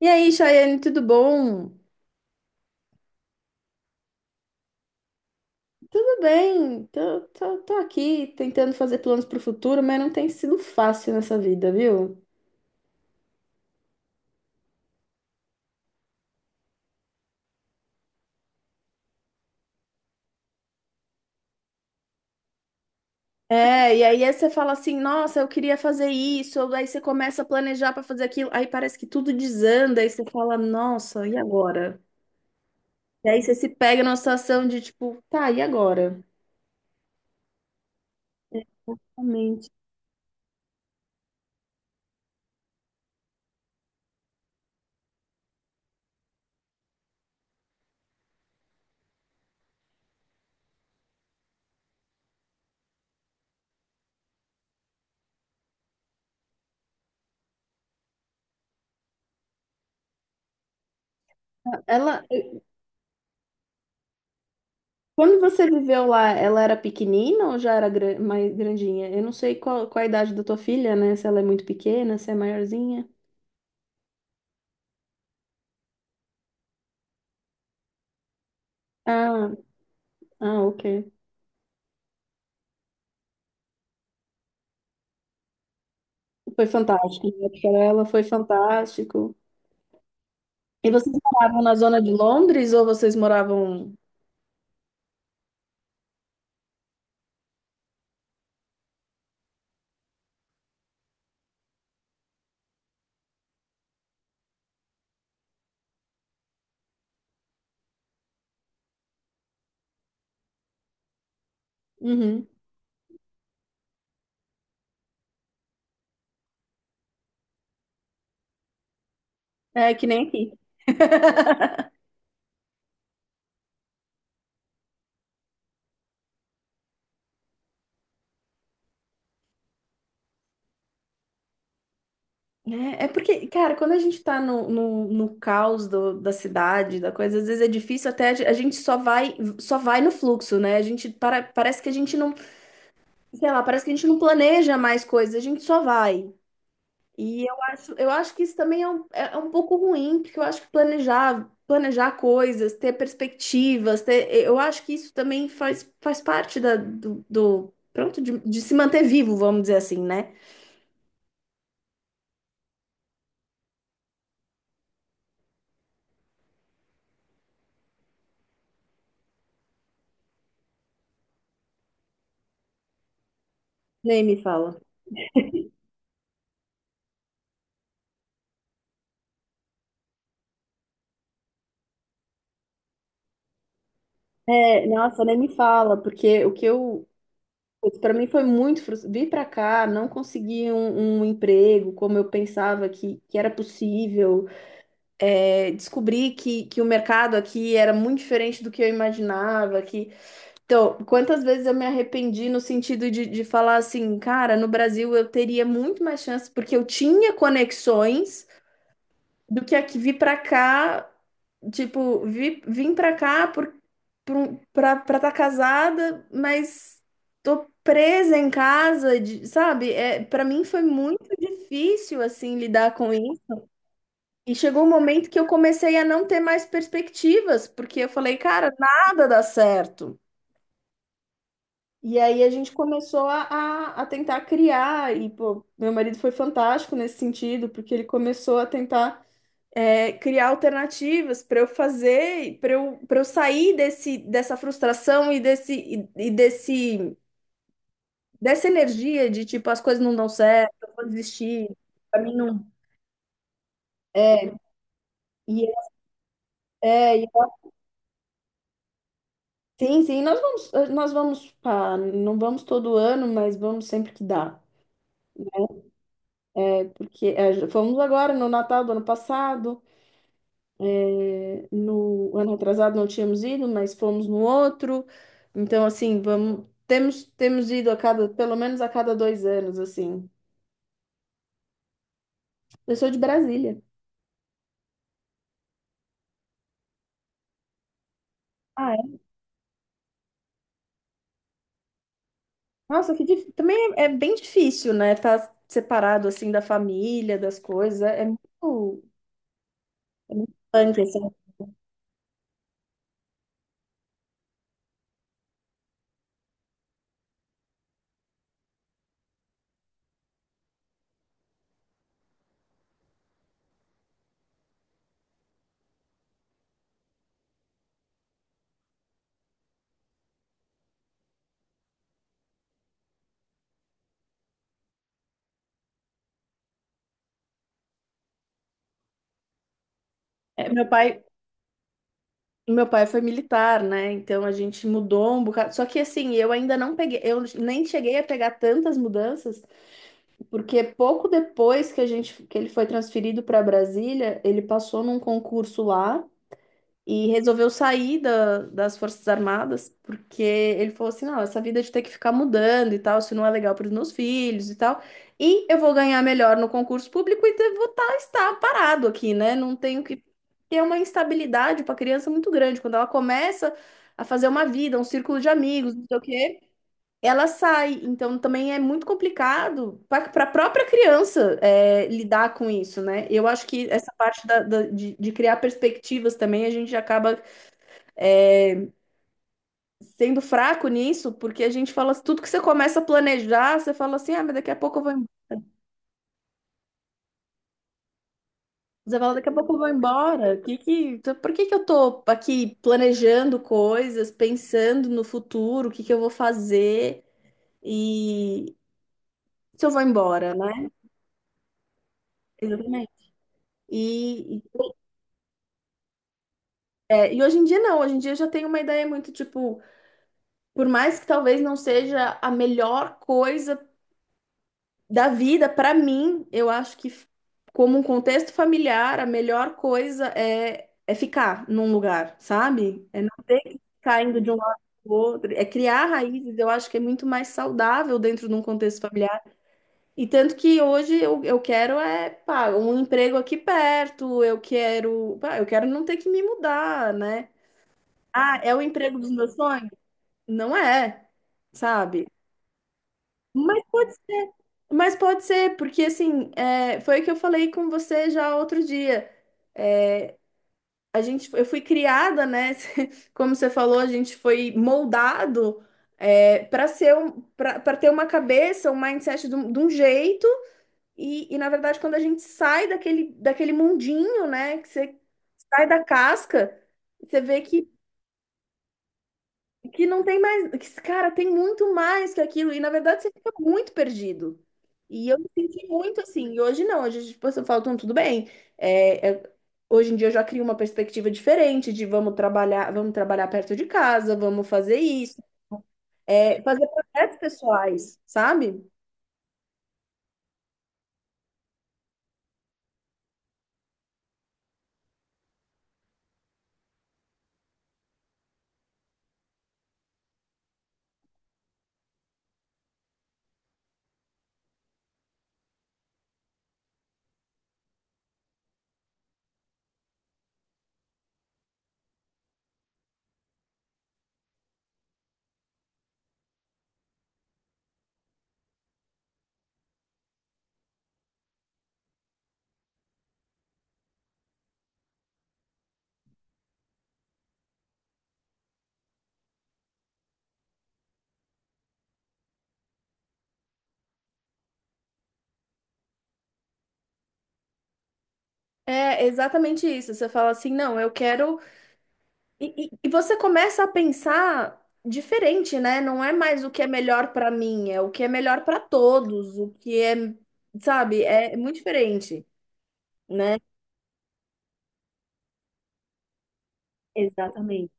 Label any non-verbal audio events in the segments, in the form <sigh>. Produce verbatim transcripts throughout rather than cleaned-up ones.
E aí, Chayane, tudo bom? Tudo bem, tô, tô, tô aqui tentando fazer planos para o futuro, mas não tem sido fácil nessa vida, viu? É, e aí você fala assim, nossa, eu queria fazer isso, ou aí você começa a planejar para fazer aquilo, aí parece que tudo desanda, aí você fala, nossa, e agora? E aí você se pega numa situação de tipo, tá, e agora? Realmente. Ela, Quando você viveu lá, ela era pequenina ou já era gra- mais grandinha? Eu não sei qual, qual a idade da tua filha, né? Se ela é muito pequena, se é maiorzinha. Ah, ah, ok. Foi fantástico, né? Para ela foi fantástico. E vocês moravam na zona de Londres ou vocês moravam... Uhum. É que nem aqui. <laughs> É, é porque, cara, quando a gente tá no, no, no caos do- da cidade, da coisa, às vezes é difícil até a ge- a gente só vai só vai no fluxo, né? A gente para, parece que a gente não sei lá, parece que a gente não planeja mais coisas, a gente só vai. E eu acho, eu acho que isso também é um, é é um pouco ruim, porque eu acho que planejar, planejar coisas, ter perspectivas, ter, eu acho que isso também faz, faz parte da, do, do- pronto, de, de se manter vivo, vamos dizer assim, né? Nem me fala. É, nossa, nem me fala, porque o que eu, para mim foi muito frustrante. Vim para cá, não consegui um, um emprego como eu pensava que, que era possível. É, descobri que, que o mercado aqui era muito diferente do que eu imaginava, que... Então, quantas vezes eu me arrependi no sentido de, de falar assim, cara, no Brasil eu teria muito mais chance, porque eu tinha conexões do que aqui vir pra cá, tipo, vi, vim pra cá por, por, um- pra, pra tá casada, mas tô presa em casa, de- sabe? É, para mim foi muito difícil, assim, lidar com e chegou um momento que eu comecei a não ter mais perspectivas, porque eu falei, cara, nada dá certo. E aí a gente começou a, a, a tentar criar, e pô, meu marido foi fantástico nesse sentido, porque ele começou a tentar, é, criar alternativas para eu fazer, para eu, para eu sair desse, dessa frustração e desse, e, e desse, dessa energia de tipo, as coisas não dão certo, eu vou desistir, pra mim não. é, E, é, é, Sim, sim, nós vamos, nós vamos, pá, não vamos todo ano, mas vamos sempre que dá. É porque é, fomos agora no Natal do ano passado, é, no ano atrasado não tínhamos ido, mas fomos no outro. Então, assim, vamos, temos, temos ido a cada, pelo menos a cada dois anos, assim. Eu sou de Brasília. Ah, é? Nossa, que dif... também é, é bem difícil, né? Tá separado assim da família, das coisas. É é muito, é muito punk, assim. É, meu pai, Meu pai foi militar, né? Então a gente mudou um bocado. Só que assim, eu ainda não peguei, eu nem cheguei a pegar tantas mudanças, porque pouco depois que a gente que ele foi transferido para Brasília, ele passou num concurso lá. E resolveu sair da- das Forças Armadas, porque ele falou assim: não, essa vida de ter que ficar mudando e tal, isso não é legal para os meus filhos e tal. E eu vou ganhar melhor no concurso público e te- vou tá- estar parado aqui, né? Não tenho que ter uma instabilidade para criança muito grande. Quando ela começa a fazer uma vida, um círculo de amigos, não sei o quê, ela sai. Então também é muito complicado para a própria criança é, lidar com isso, né? Eu acho que essa parte da- da- de, de criar perspectivas também a gente acaba sendo fraco nisso, porque a gente fala, tudo que você começa a planejar, você fala assim, ah, mas daqui a pouco eu vou embora. Você fala, daqui a pouco eu vou embora. Que que, então, por que que eu tô aqui planejando coisas, pensando no futuro, o que que eu vou fazer e se eu vou embora, né? Exatamente. E, e, é, e hoje em dia não, hoje em dia eu já tenho uma ideia muito, tipo, por mais que talvez não seja a melhor coisa da vida, para mim, eu acho que, como um contexto familiar, a melhor coisa é, é ficar num lugar, sabe? É não ter que ficar indo de um lado para o outro. É criar raízes, eu acho que é muito mais saudável dentro de um contexto familiar. E tanto que hoje eu, eu quero é, pá, um emprego aqui perto, eu quero, pá, eu quero não ter que me mudar, né? Ah, é o emprego dos meus sonhos? Não é, sabe? Mas pode ser, porque assim, é, foi o que eu falei com você já outro dia. É, a gente, eu fui criada, né? <laughs> Como você falou, a gente foi moldado para ser um, para ter uma cabeça, um mindset de um, de um jeito. E, e na verdade, quando a gente sai daquele, daquele mundinho, né? Que você sai da casca, você vê que que não tem mais, que, cara, tem muito mais que aquilo, e na verdade você fica muito perdido. E eu me senti muito assim, e hoje não, hoje tipo, eu falo, "Então, tudo bem. É, é- hoje em dia eu já crio uma perspectiva diferente de vamos trabalhar, vamos trabalhar perto de casa, vamos fazer isso, é, fazer projetos pessoais, sabe? É exatamente isso. Você fala assim, não, eu quero. E, e- e você começa a pensar diferente, né? Não é mais o que é melhor pra mim, é o que é melhor pra todos, o que é, sabe, é muito diferente, né? Exatamente.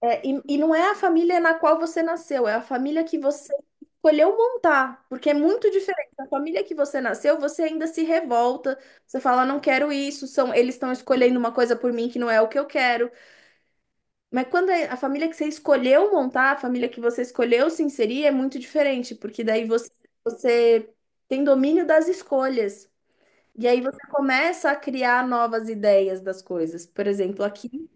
É, e, e não é a família na qual você nasceu, é a família que você escolheu montar, porque é muito diferente. A família que você nasceu, você ainda se revolta, você fala, não quero isso, são, eles estão escolhendo uma coisa por mim que não é o que eu quero. Mas quando é a família que você escolheu montar, a família que você escolheu se inserir, é muito diferente, porque daí você, você tem domínio das escolhas. E aí você começa a criar novas ideias das coisas. Por exemplo, aqui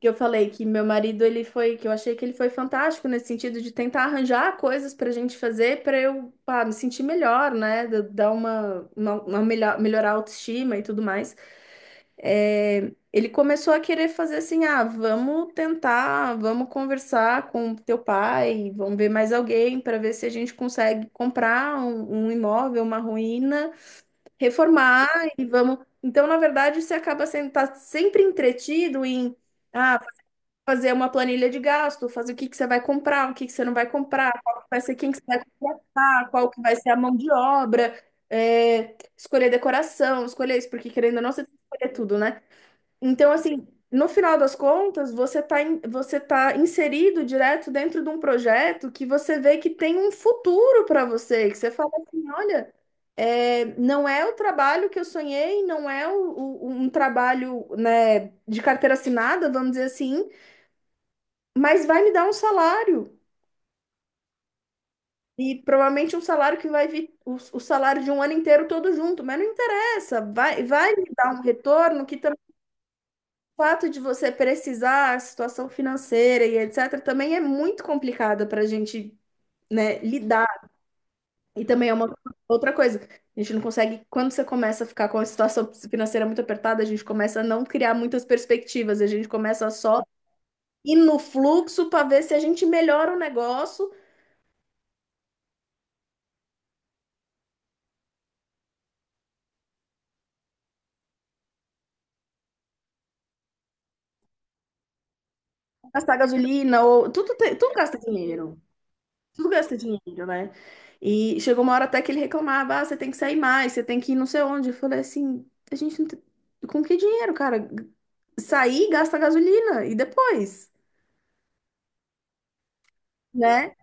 que eu falei que meu marido ele foi, que eu achei que ele foi fantástico nesse sentido de tentar arranjar coisas para a gente fazer para eu, pá, me sentir melhor, né? Da- Dar uma, uma, uma melhor, melhorar a autoestima e tudo mais. Ele começou a querer fazer assim, ah, vamos tentar, vamos conversar com teu pai, vamos ver mais alguém para ver se a gente consegue comprar um, um imóvel, uma ruína, reformar e vamos. Então, na verdade, você acaba sendo tá sempre entretido em ah, fazer uma planilha de gasto, fazer o que que você vai comprar, o que que você não vai comprar, qual que vai ser quem que você vai contratar, qual que vai ser a mão de obra, é, escolher decoração, escolher isso, porque querendo ou não, você tem que escolher tudo, né? Então, assim, no final das contas, você está você tá inserido direto dentro de um projeto que você vê que tem um futuro para você, que você fala assim, olha, é, não é o trabalho que eu sonhei, não é o- o- um trabalho, né, de carteira assinada, vamos dizer assim, mas vai me dar um salário. E provavelmente um salário que vai vir, o, o salário de um ano inteiro todo junto, mas não interessa, vai, vai me dar um retorno que o fato de você precisar, a situação financeira e etcétera, também é muito complicada para a gente, né, lidar. E também é uma outra coisa. A gente não consegue, quando você começa a ficar com a situação financeira muito apertada, a gente começa a não criar muitas perspectivas, a gente começa só ir no fluxo para ver se a gente melhora o negócio, gastar gasolina ou tudo, tem- tudo gasta dinheiro. Tudo gasta dinheiro, né? E chegou uma hora até que ele reclamava, ah, você tem que sair mais, você tem que ir não sei onde. Eu falei assim, a gente não tem... com que dinheiro, cara? G- Sair, gasta gasolina e depois, né?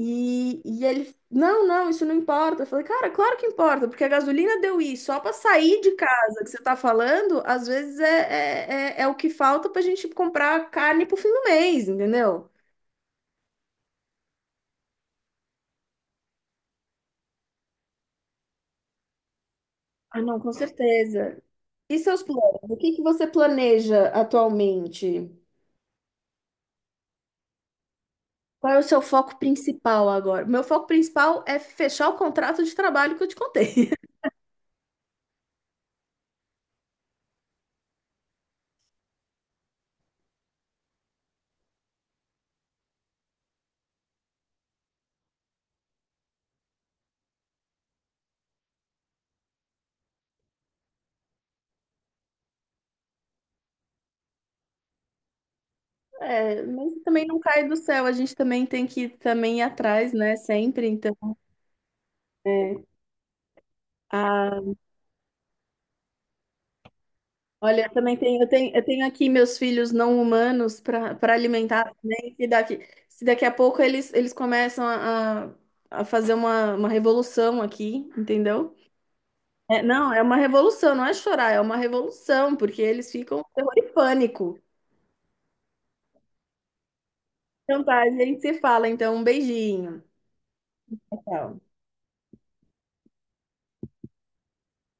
E, e ele, não, não, isso não importa. Eu falei, cara, claro que importa, porque a gasolina deu isso. Só para sair de casa que você tá falando, às vezes é, é, é, é o que falta pra gente comprar carne pro fim do mês, entendeu? Ah, não, com certeza. E seus planos? O que que você planeja atualmente? Qual é o seu foco principal agora? Meu foco principal é fechar o contrato de trabalho que eu te contei. <laughs> É, mas também não cai do céu, a gente também tem que também ir atrás, né? Sempre. Então, é, a- olha, também tem, eu tenho, eu tenho aqui meus filhos não humanos para para alimentar também. E daqui, se daqui a pouco eles, eles começam a, a a fazer uma, uma revolução aqui, entendeu? É, não, é uma revolução, não é chorar, é uma revolução, porque eles ficam com terror e pânico. Então tá, a gente se fala, então um beijinho. Tchau.